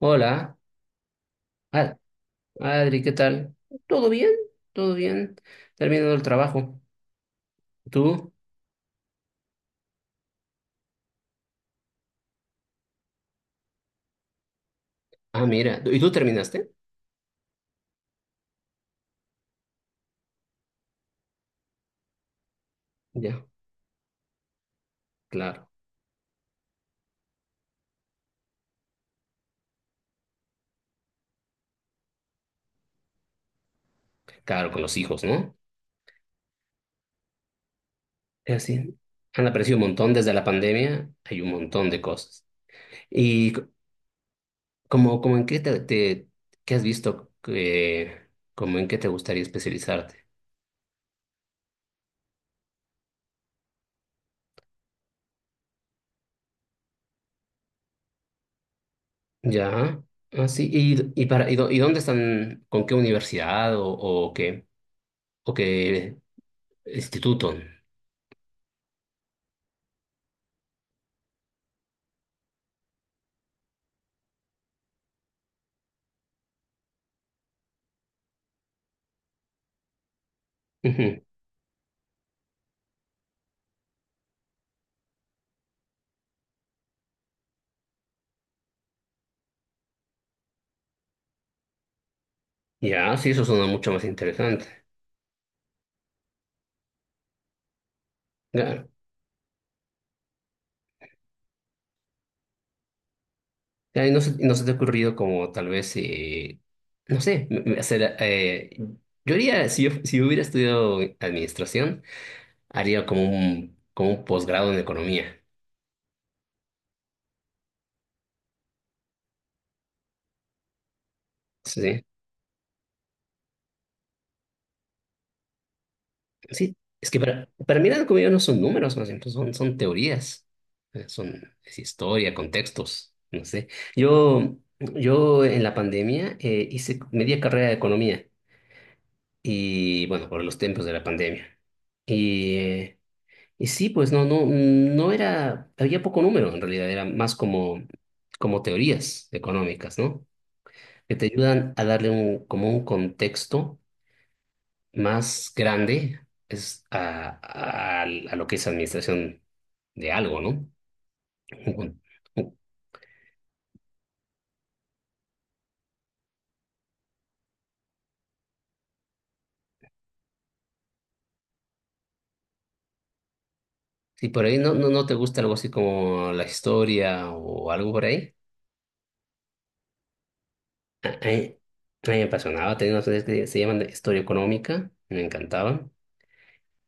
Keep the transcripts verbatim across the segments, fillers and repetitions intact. Hola, Ad- Adri, ¿qué tal? ¿Todo bien? ¿Todo bien? Terminando el trabajo. ¿Tú? Ah, mira. ¿Y tú terminaste? Ya, claro. Claro, con los hijos, ¿no? Es así. Han aparecido un montón desde la pandemia. Hay un montón de cosas. ¿Y c- como, como en qué te, te- qué has visto? que- como en qué te gustaría especializarte? Ya. Ah, sí. ¿Y, y, para, y, dó- y dónde están? ¿Con qué universidad o, o qué? ¿O qué instituto? Ujú. Ya, sí, eso suena mucho más interesante. Claro. Ya, y no se, y no se te ha ocurrido como tal vez, eh, no sé, m- m- hacer... eh, yo haría, si yo, si yo hubiera estudiado administración, haría como un, como un posgrado en economía. Sí, sí. Es que para, para mí la economía no son números, más bien, pues, son, son teorías. Eh, son es historia, contextos, no sé. Yo, yo en la pandemia eh, hice media carrera de economía, y bueno, por los tiempos de la pandemia. Y, eh, y sí, pues no, no, mm, no era, había poco número en realidad, era más como, como teorías económicas, ¿no? Que te ayudan a darle un, como un contexto más grande es a, a, a lo que es administración de algo, ¿no? Un- un- Si por ahí no, no, no te gusta algo así como la historia o algo por ahí. A a mí, a mí me apasionaba, tenía unas materias que se llaman de historia económica, me encantaban,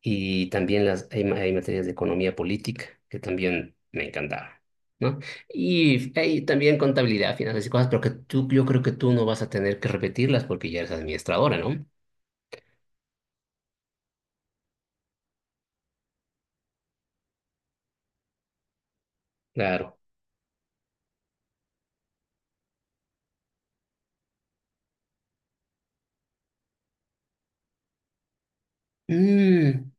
y también las, hay, ma- hay materias de economía política que también me encantaban, ¿no? Y hay también contabilidad, finanzas y cosas, pero que tú, yo creo que tú no vas a tener que repetirlas porque ya eres administradora, ¿no? Claro. Mm,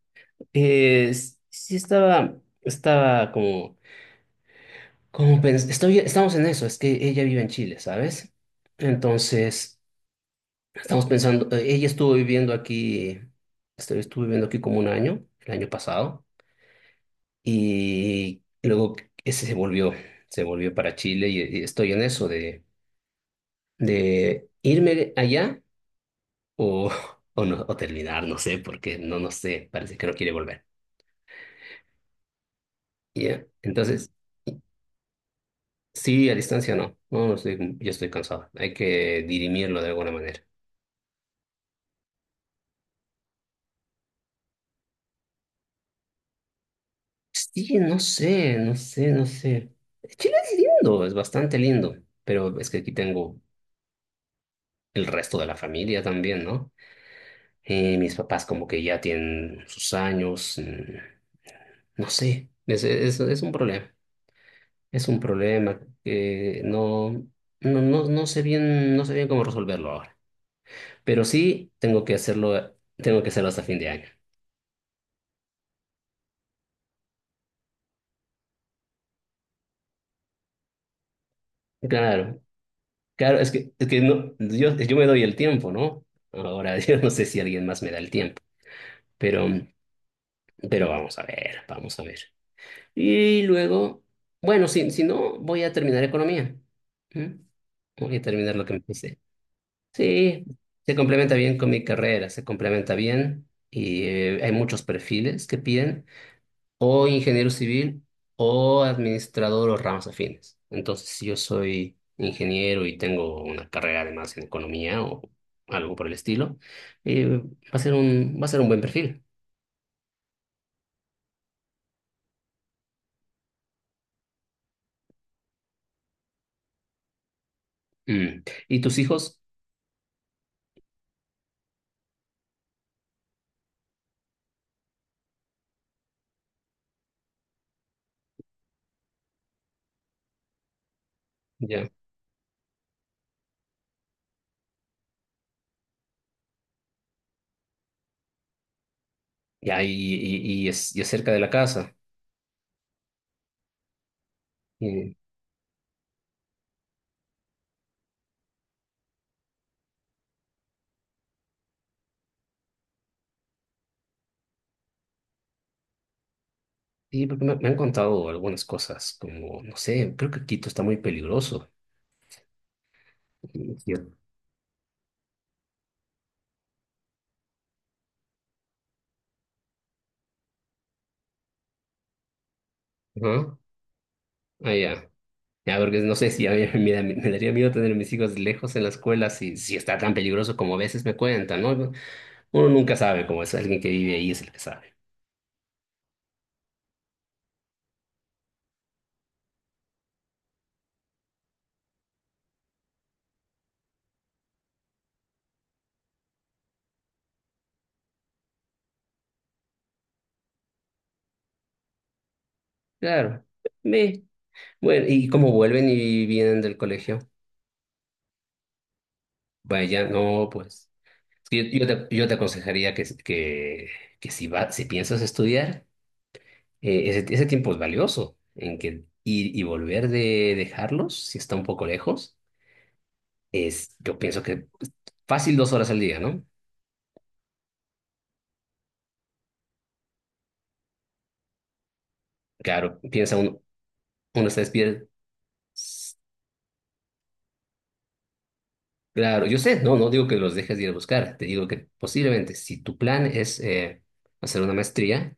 eh, s- sí estaba, estaba como, como pens- estoy, estamos en eso, es que ella vive en Chile, ¿sabes? Entonces... Estamos pensando, eh, ella estuvo viviendo aquí, estu- estuvo viviendo aquí como un año, el año pasado, y luego ese se volvió, se volvió para Chile y, y estoy en eso de, de irme allá o, o, no, o terminar, no sé, porque no, no sé, parece que no quiere volver. Ya. Entonces, sí, a distancia no, no, no estoy- yo estoy cansado, hay que dirimirlo de alguna manera. Sí, no sé, no sé, no sé. Chile es lindo, es bastante lindo, pero es que aquí tengo el resto de la familia también, ¿no? Eh, mis papás como que ya tienen sus años, mm, no sé, es, es, es un problema, es un problema que no, no, no, no sé bien, no sé bien cómo resolverlo ahora, pero sí tengo que hacerlo, tengo que hacerlo hasta fin de año. Claro, claro, es que, es que no, yo, yo me doy el tiempo, ¿no? Ahora yo no sé si alguien más me da el tiempo. Pero, pero vamos a ver, vamos a ver. Y luego, bueno, si, si no, voy a terminar economía. ¿Mm? Voy a terminar lo que empecé. Sí, se complementa bien con mi carrera, se complementa bien y eh, hay muchos perfiles que piden o ingeniero civil o administrador o ramas afines. Entonces, si yo soy ingeniero y tengo una carrera además en economía o algo por el estilo, eh, va a ser un, va a ser un buen perfil. Mm. ¿Y tus hijos? Ya, y, y, y, es, y es cerca de la casa. Y, y porque me, me han contado algunas cosas, como, no sé, creo que Quito está muy peligroso. Y yo, ¿no? Ah, ya. Ya, porque no sé si a mí me, da- me daría miedo tener a mis hijos lejos en la escuela si, si está tan peligroso como a veces me cuentan, ¿no? Uno nunca sabe, como es alguien que vive ahí es el que sabe. Claro. Me. Bueno, ¿y cómo vuelven y vienen del colegio? Vaya, no, pues, es que Yo, yo te, yo te aconsejaría que, que, que si, va, si piensas estudiar, eh, ese, ese tiempo es valioso, en que ir y volver de dejarlos, si está un poco lejos, es, yo pienso que fácil dos horas al día, ¿no? Claro, piensa uno, uno está despierto. Claro, yo sé, no, no digo que los dejes de ir a buscar, te digo que posiblemente si tu plan es eh, hacer una maestría,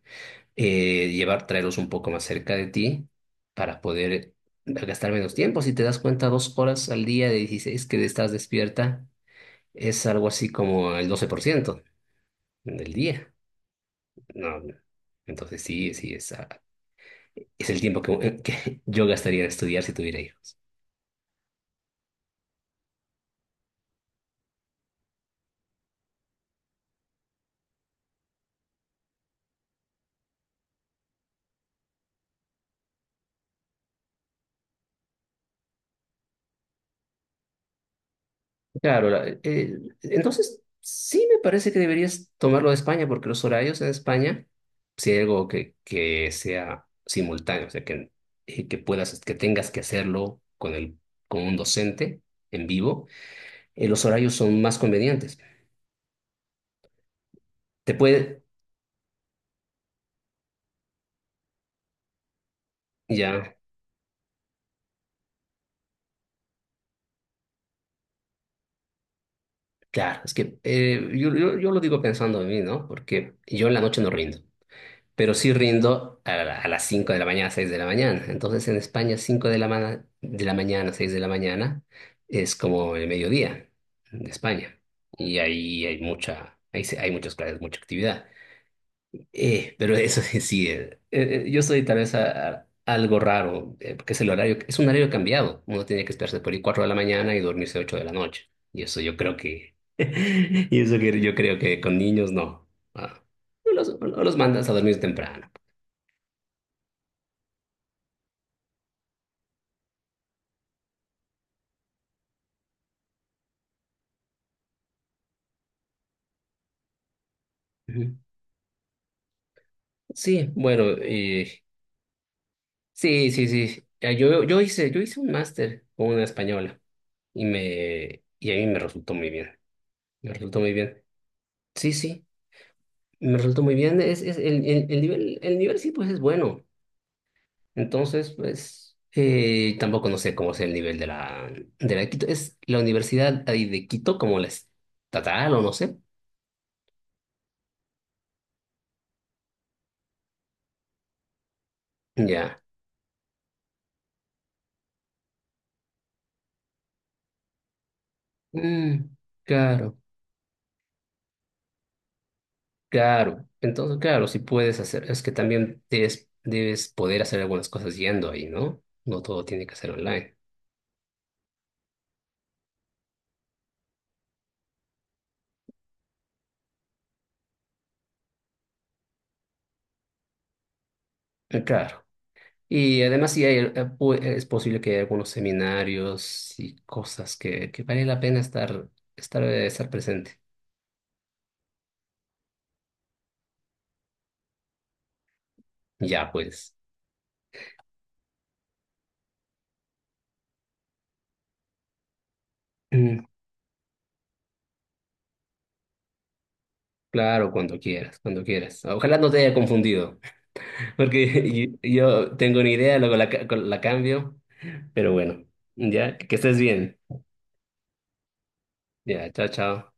eh, llevar, traerlos un poco más cerca de ti para poder gastar menos tiempo. Si te das cuenta, dos horas al día de dieciséis que estás despierta es algo así como el doce por ciento del día. No, no. Entonces sí, sí, es, ah, es el tiempo que, que yo gastaría en estudiar si tuviera hijos. Claro, la- eh, entonces sí me parece que deberías tomarlo de España, porque los horarios en España, si hay algo que, que sea simultáneo, o sea, que, eh, que puedas, que tengas que hacerlo con el, con un docente en vivo, eh, los horarios son más convenientes. Te puede, ya, claro, es que eh, yo, yo, yo lo digo pensando en mí, ¿no? Porque yo en la noche no rindo, pero sí rindo a, la- a las cinco de la mañana, seis de la mañana. Entonces en España cinco de la, ma- de la mañana, seis de la mañana es como el mediodía de España. Y ahí hay mucha, ahí se- hay muchas clases, mucha actividad. Eh, pero eso sí, sí, eh, eh, yo soy tal vez a- a- algo raro, eh, porque es el horario, es un horario cambiado. Uno tiene que esperarse por ahí cuatro de la mañana y dormirse ocho de la noche. Y eso yo creo que, y eso que yo creo que con niños no. Ah, no los, no los mandas a dormir temprano. Ujú. Sí, bueno, eh, sí, sí, sí. Eh, Yo, yo hice, yo hice un máster con una española y me, y a mí me resultó muy bien. Me resultó muy bien. Sí, sí, me resultó muy bien. Es, es el, el, el nivel, el nivel sí, pues es bueno. Entonces, pues, eh, tampoco no sé cómo es el nivel de la, de la de Quito. Es la universidad ahí de Quito, como la estatal o no sé. Ya. Mm, claro. Claro, entonces, claro, si puedes hacer, es que también debes, debes poder hacer algunas cosas yendo ahí, ¿no? No todo tiene que ser online. Eh, Claro. Y además, sí hay, eh, pu- es posible que haya algunos seminarios y cosas que, que vale la pena estar, estar, eh, estar presente. Ya, pues. Mm. Claro, cuando quieras, cuando quieras. Ojalá no te haya confundido, porque yo yo tengo una idea, luego la, ca- la cambio, pero bueno, ya, que estés bien. Ya, chao, chao.